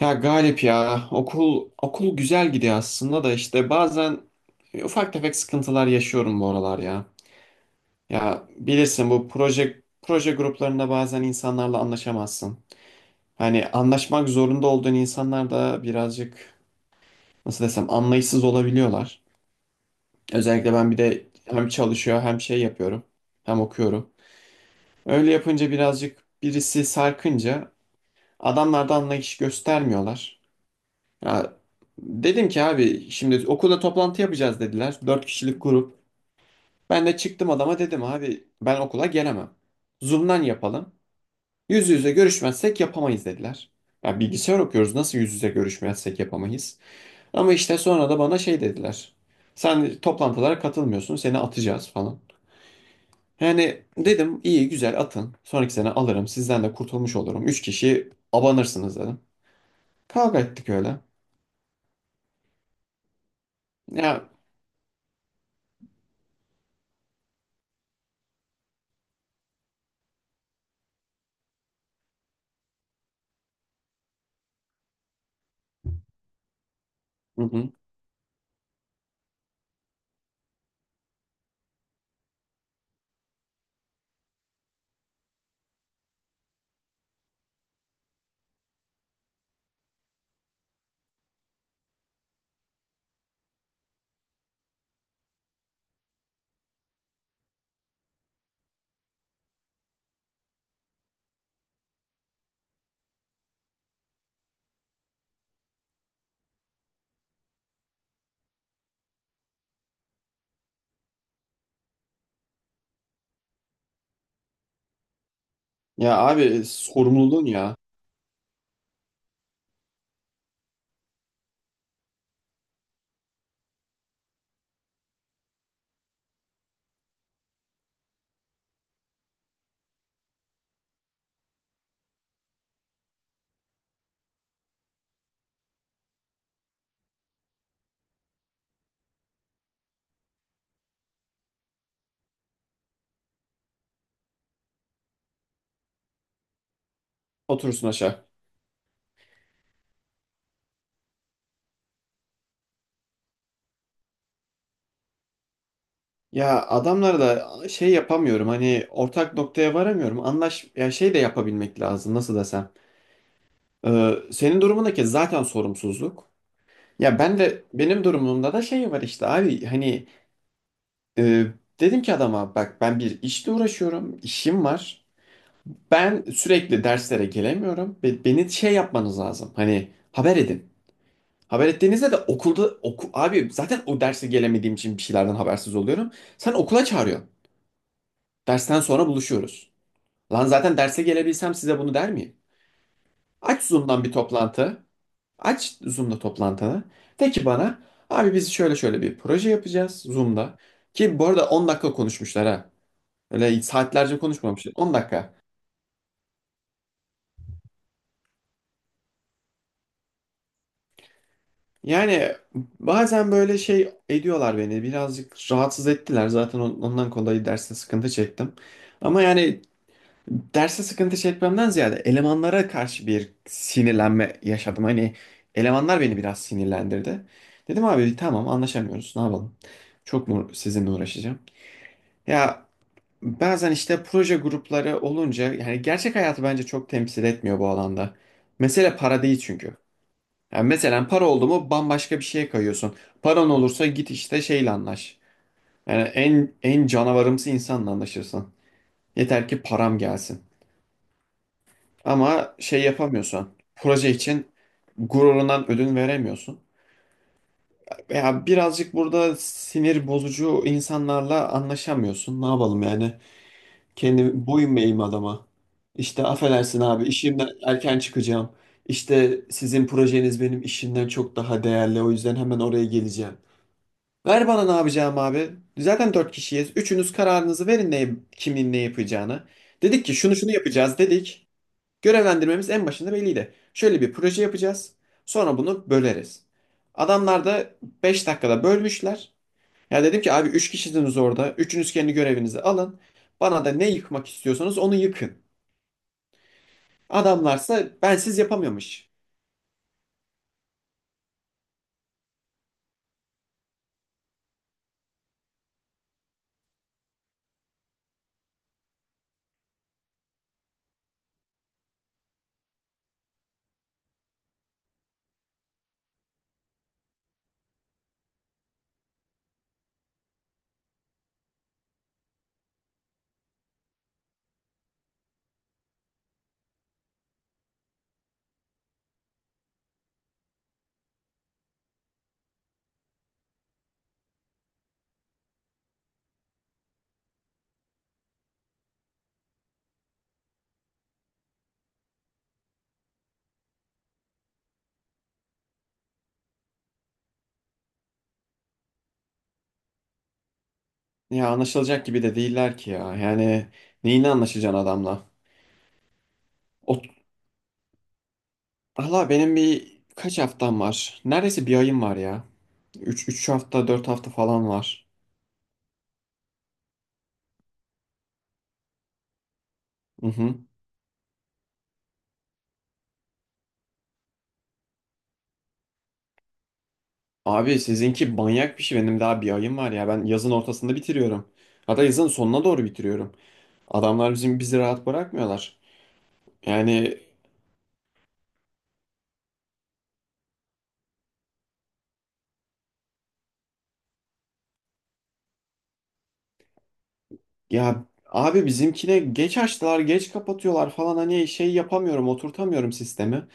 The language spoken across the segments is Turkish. Ya Galip, ya okul güzel gidiyor aslında da işte bazen ufak tefek sıkıntılar yaşıyorum bu aralar ya. Ya bilirsin, bu proje gruplarında bazen insanlarla anlaşamazsın. Hani anlaşmak zorunda olduğun insanlar da birazcık, nasıl desem, anlayışsız olabiliyorlar. Özellikle ben bir de hem çalışıyor hem şey yapıyorum hem okuyorum. Öyle yapınca birazcık birisi sarkınca adamlar da anlayış göstermiyorlar. Ya dedim ki abi şimdi okulda toplantı yapacağız dediler. Dört kişilik grup. Ben de çıktım adama dedim abi ben okula gelemem. Zoom'dan yapalım. Yüz yüze görüşmezsek yapamayız dediler. Ya bilgisayar okuyoruz, nasıl yüz yüze görüşmezsek yapamayız? Ama işte sonra da bana şey dediler. Sen toplantılara katılmıyorsun, seni atacağız falan. Yani dedim iyi güzel atın. Sonraki sene alırım, sizden de kurtulmuş olurum. Üç kişi abanırsınız dedim. Kavga ettik öyle. Ya, hı hı. Ya abi sorumluluğun ya. Oturursun aşağı. Ya adamlar da şey yapamıyorum, hani ortak noktaya varamıyorum. Anlaş ya, şey de yapabilmek lazım, nasıl desem. Senin durumundaki zaten sorumsuzluk. Ya ben de, benim durumumda da şey var işte abi, hani, e, dedim ki adama bak ben bir işle uğraşıyorum, işim var. Ben sürekli derslere gelemiyorum. Beni şey yapmanız lazım. Hani haber edin. Haber ettiğinizde de okulda oku, abi zaten o derse gelemediğim için bir şeylerden habersiz oluyorum. Sen okula çağırıyorsun. Dersten sonra buluşuyoruz. Lan zaten derse gelebilsem size bunu der miyim? Aç Zoom'dan bir toplantı. Aç Zoom'da toplantını. De ki bana abi biz şöyle şöyle bir proje yapacağız Zoom'da. Ki bu arada 10 dakika konuşmuşlar ha. Öyle saatlerce konuşmamışlar. 10 dakika. Yani bazen böyle şey ediyorlar beni. Birazcık rahatsız ettiler. Zaten ondan kolay derste sıkıntı çektim. Ama yani derse sıkıntı çekmemden ziyade elemanlara karşı bir sinirlenme yaşadım. Hani elemanlar beni biraz sinirlendirdi. Dedim abi tamam, anlaşamıyoruz, ne yapalım. Çok mu sizinle uğraşacağım? Ya bazen işte proje grupları olunca yani gerçek hayatı bence çok temsil etmiyor bu alanda. Mesele para değil çünkü. Yani mesela para oldu mu bambaşka bir şeye kayıyorsun. Paran olursa git işte şeyle anlaş. Yani en canavarımsı insanla anlaşırsın. Yeter ki param gelsin. Ama şey yapamıyorsun. Proje için gururundan ödün veremiyorsun. Veya birazcık burada sinir bozucu insanlarla anlaşamıyorsun. Ne yapalım yani? Kendi boyun eğeyim adama? İşte affedersin abi, işimden erken çıkacağım. İşte sizin projeniz benim işimden çok daha değerli. O yüzden hemen oraya geleceğim. Ver bana ne yapacağım abi. Zaten dört kişiyiz. Üçünüz kararınızı verin ne, kimin ne yapacağını. Dedik ki şunu şunu yapacağız dedik. Görevlendirmemiz en başında belliydi. Şöyle bir proje yapacağız. Sonra bunu böleriz. Adamlar da 5 dakikada bölmüşler. Ya dedim ki abi 3 kişisiniz orada. Üçünüz kendi görevinizi alın. Bana da ne yıkmak istiyorsanız onu yıkın. Adamlarsa bensiz yapamıyormuş. Ya anlaşılacak gibi de değiller ki ya. Yani neyini anlaşacaksın adamla? O, Allah, benim bir kaç haftam var? Neredeyse bir ayım var ya. Üç hafta, 4 hafta falan var. Mhm. Abi sizinki manyak bir şey. Benim daha bir ayım var ya. Ben yazın ortasında bitiriyorum. Hatta yazın sonuna doğru bitiriyorum. Adamlar bizi rahat bırakmıyorlar. Yani ya abi bizimkine geç açtılar, geç kapatıyorlar falan, hani şey yapamıyorum, oturtamıyorum sistemi.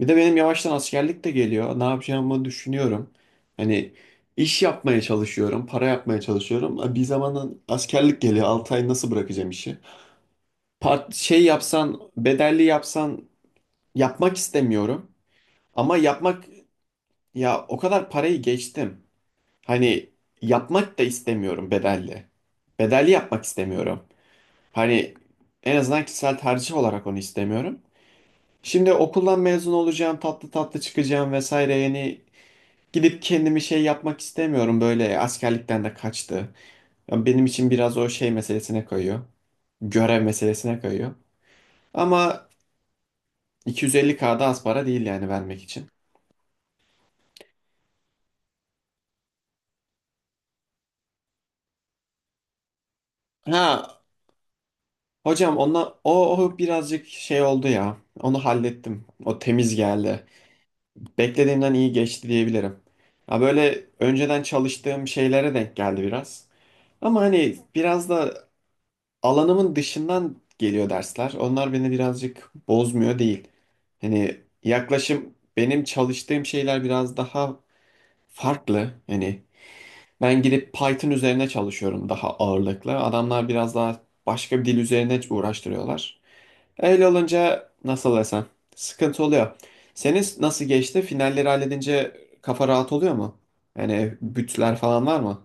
Bir de benim yavaştan askerlik de geliyor. Ne yapacağımı düşünüyorum. Hani iş yapmaya çalışıyorum, para yapmaya çalışıyorum. E, bir zamanın askerlik geliyor. 6 ay nasıl bırakacağım işi? Part şey yapsan, bedelli yapsan, yapmak istemiyorum. Ama yapmak, ya o kadar parayı geçtim. Hani yapmak da istemiyorum bedelli. Bedelli yapmak istemiyorum. Hani en azından kişisel tercih olarak onu istemiyorum. Şimdi okuldan mezun olacağım, tatlı tatlı çıkacağım vesaire. Yani gidip kendimi şey yapmak istemiyorum, böyle askerlikten de kaçtı. Ya benim için biraz o şey meselesine kayıyor. Görev meselesine kayıyor. Ama 250K'da az para değil yani vermek için. Ha hocam, ona o, birazcık şey oldu ya. Onu hallettim. O temiz geldi. Beklediğimden iyi geçti diyebilirim. Ya böyle önceden çalıştığım şeylere denk geldi biraz. Ama hani biraz da alanımın dışından geliyor dersler. Onlar beni birazcık bozmuyor değil. Hani yaklaşım, benim çalıştığım şeyler biraz daha farklı. Hani ben gidip Python üzerine çalışıyorum daha ağırlıklı. Adamlar biraz daha başka bir dil üzerine uğraştırıyorlar. Öyle olunca, nasıl desem, sıkıntı oluyor. Senin nasıl geçti? Finalleri halledince kafa rahat oluyor mu? Yani bütler falan var mı?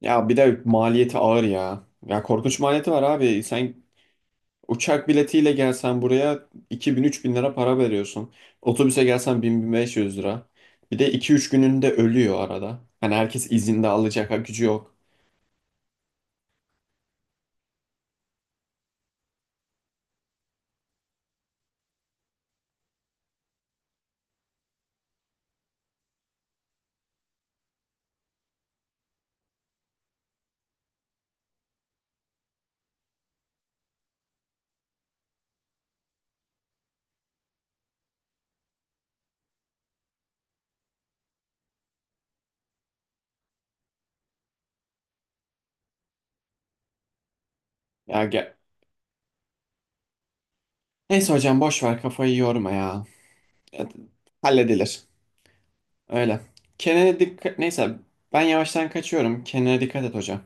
Ya bir de maliyeti ağır ya. Ya korkunç maliyeti var abi. Sen uçak biletiyle gelsen buraya 2000 bin lira para veriyorsun. Otobüse gelsen 1500 lira. Bir de iki üç gününde ölüyor arada. Hani herkes izinde alacak ha, gücü yok. Ya gel. Neyse hocam boş ver, kafayı yorma ya. Ya, halledilir. Öyle. Kenan'a dikkat... Neyse ben yavaştan kaçıyorum. Kenan'a dikkat et hocam.